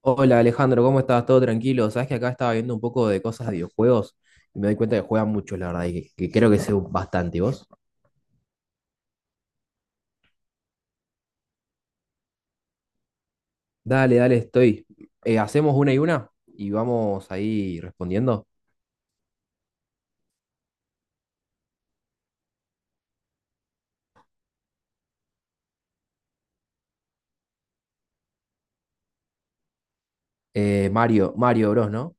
Hola Alejandro, ¿cómo estás? ¿Todo tranquilo? Sabes que acá estaba viendo un poco de cosas de videojuegos y me doy cuenta que juegan mucho, la verdad, y que creo que sé bastante. ¿Y vos? Dale, dale, estoy. Hacemos una y vamos ahí respondiendo. Mario, Mario Bros, ¿no?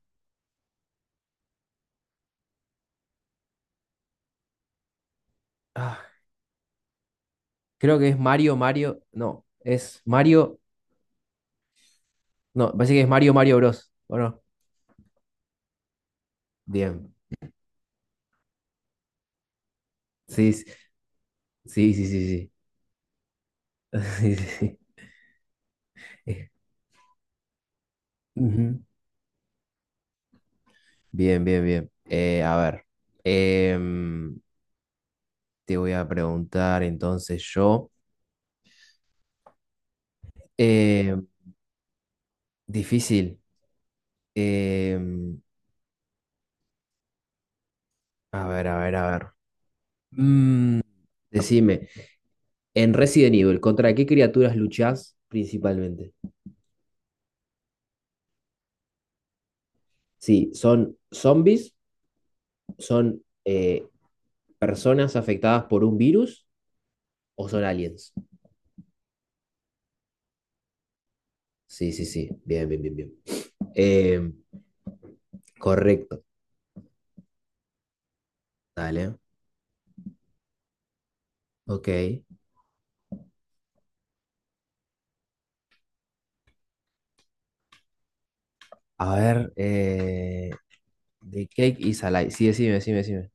Ah, creo que es Mario, Mario. No, es Mario. No, parece que es Mario, Mario Bros. ¿O no? Bien. Sí, sí, sí, sí, sí. Sí, sí, sí. Ujú. Bien, bien, bien. Em, Te voy a preguntar entonces yo. Eh, difícil. Eh, a ver, a ver, a ver. Mm, decime, en Resident Evil, ¿contra qué criaturas luchás principalmente? Sí, ¿son zombies? ¿Son personas afectadas por un virus? ¿O son aliens? Sí, sí, sí. Bien, bien, bien, bien. Eh, correcto. Dale. Ok. A ver, The Cake is Alive. Sí, decime, decime, decime.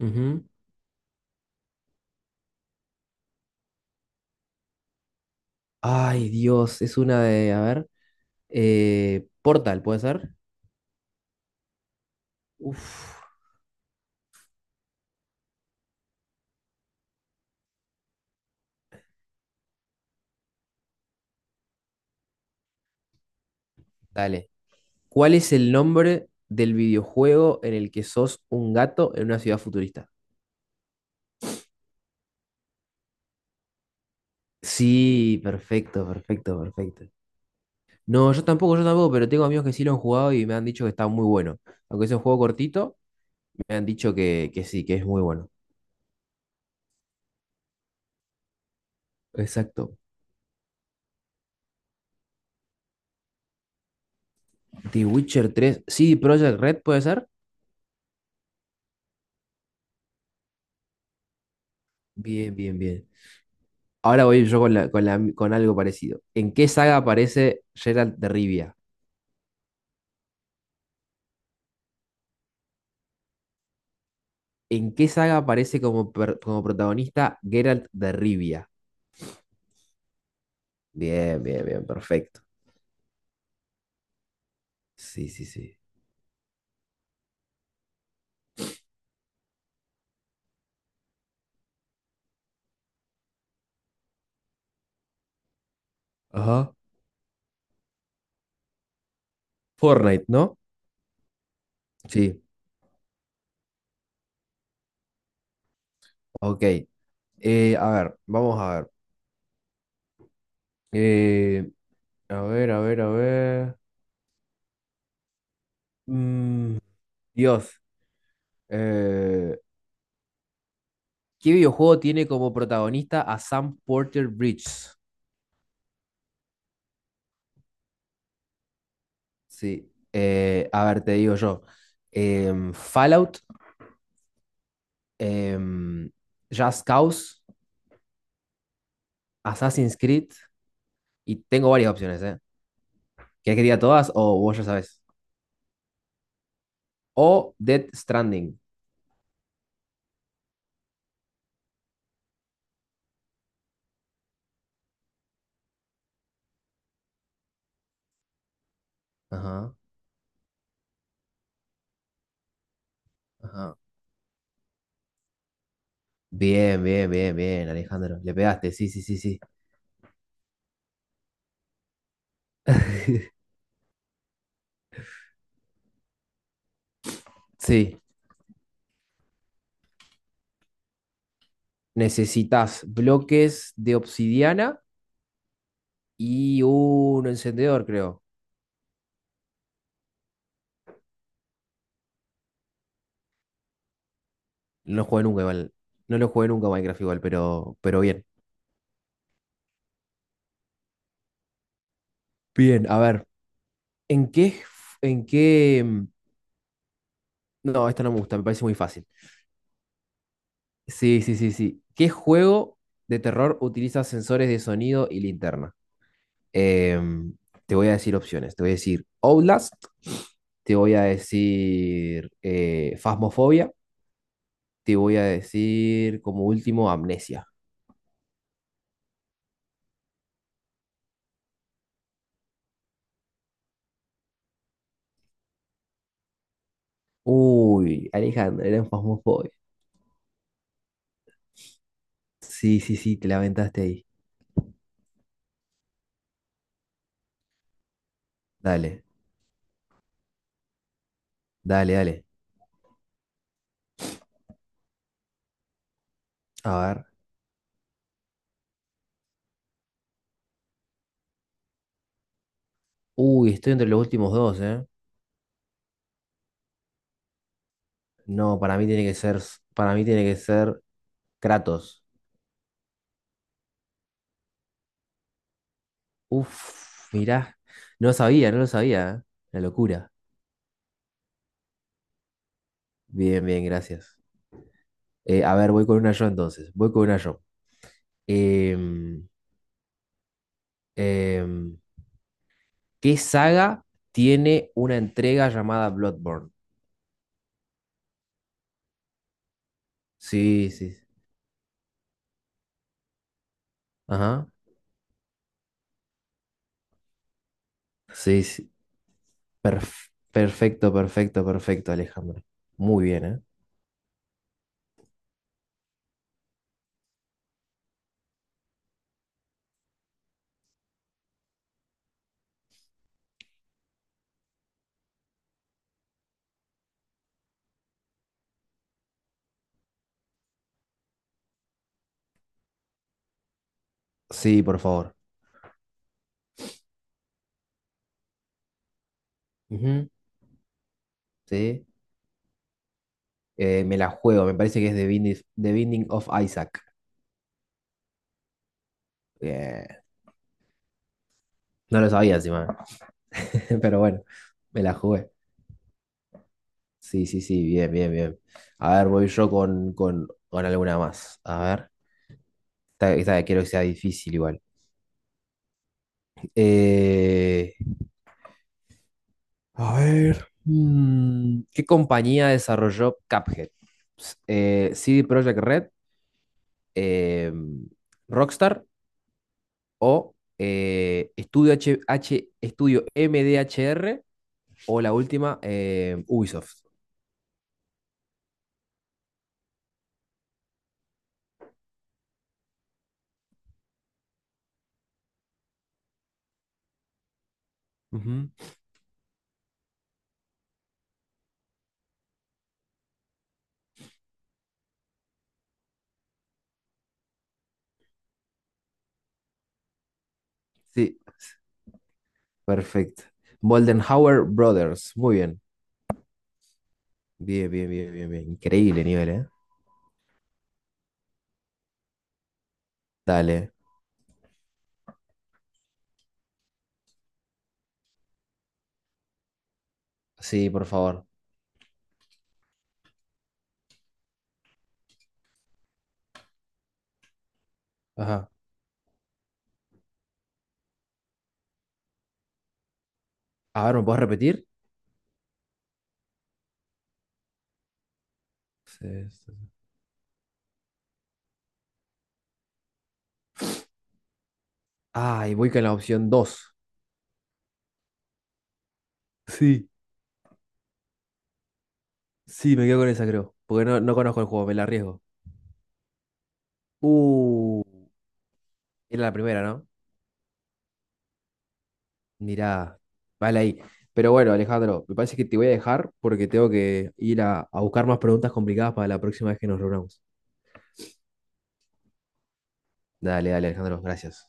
Ujú. Ay, Dios, es una de, a ver, Portal, ¿puede ser? Uf, dale. ¿Cuál es el nombre del videojuego en el que sos un gato en una ciudad futurista? Sí, perfecto, perfecto, perfecto. No, yo tampoco, pero tengo amigos que sí lo han jugado y me han dicho que está muy bueno. Aunque es un juego cortito, me han dicho que sí, que es muy bueno. Exacto. The Witcher tres, sí, Project Red, ¿puede ser? Bien, bien, bien. Ahora voy yo con algo parecido. ¿En qué saga aparece Geralt de Rivia? ¿En qué saga aparece como protagonista Geralt de Rivia? Bien, bien, bien, perfecto. Sí, sí, sí. Ajá. Fortnite, ¿no? Sí, ok. A ver, vamos a ver. Eh, a ver, a ver, a ver. Mm, Dios. Eh, ¿Qué videojuego tiene como protagonista a Sam Porter Bridges? Sí, a ver, te digo yo. Fallout, em, Just Cause, Assassin's Creed, y tengo varias opciones, ¿eh? ¿Quieres que diga todas o vos ya sabes? O Death Stranding. Ajá, ajá. Bien, bien, bien, bien, Alejandro. Le pegaste, sí, sí, sí, sí. Sí, necesitas bloques de obsidiana y un encendedor, creo. No lo jugué nunca igual. No lo jugué nunca Minecraft igual, pero bien. Bien, a ver. ¿En qué, en qué... mm, No, esta no me gusta, me parece muy fácil. Sí, sí, sí, sí. ¿Qué juego de terror utiliza sensores de sonido y linterna? Em, te voy a decir opciones. Te voy a decir Outlast, te voy a decir Phasmophobia, te voy a decir como último Amnesia. Uy, Alejandro, era un Phasmophobia. Sí, sí, sí, te la aventaste ahí. Dale, dale, dale. A ver. Uy, estoy entre los últimos dos, ¿eh? No, para mí tiene que ser Kratos. Uf, mirá, no lo sabía, no lo sabía, ¿eh? La locura. Bien, bien, gracias. A ver, voy con una yo entonces, voy con una yo. Em, em, ¿Qué saga tiene una entrega llamada Bloodborne? Sí, sí, sí. Ajá, sí, sí. Perf- perfecto, perfecto, perfecto, Alejandro. Muy bien, ¿eh? Sí, por favor. Ujú, sí, me la juego, me parece que es The Binding of Isaac. Bien. No lo sabía encima, pero bueno, me la jugué. Sí, sí, sí, bien, bien, bien. A ver, voy yo con alguna más. A ver, esta quiero que sea difícil igual. Eh, ¿Qué compañía desarrolló Cuphead? CD Projekt Red, eh, Rockstar o Estudio MDHR o la última Ubisoft. Ujú. Sí, perfecto. Moldenhauer Brothers. Muy bien. Bien, bien, bien, bien, bien. Increíble nivel, ¿eh? Dale. Sí, por favor. Ajá. A ver, ¿me puedes repetir? Sí, sí. Ah, y voy con la opción dos. Sí, sí, me quedo con esa, creo. Porque no, no conozco el juego, me la arriesgo. Uh, era la primera, ¿no? Mirá, vale ahí. Pero bueno, Alejandro, me parece que te voy a dejar porque tengo que ir a buscar más preguntas complicadas para la próxima vez que nos reunamos. Dale, dale, Alejandro, gracias.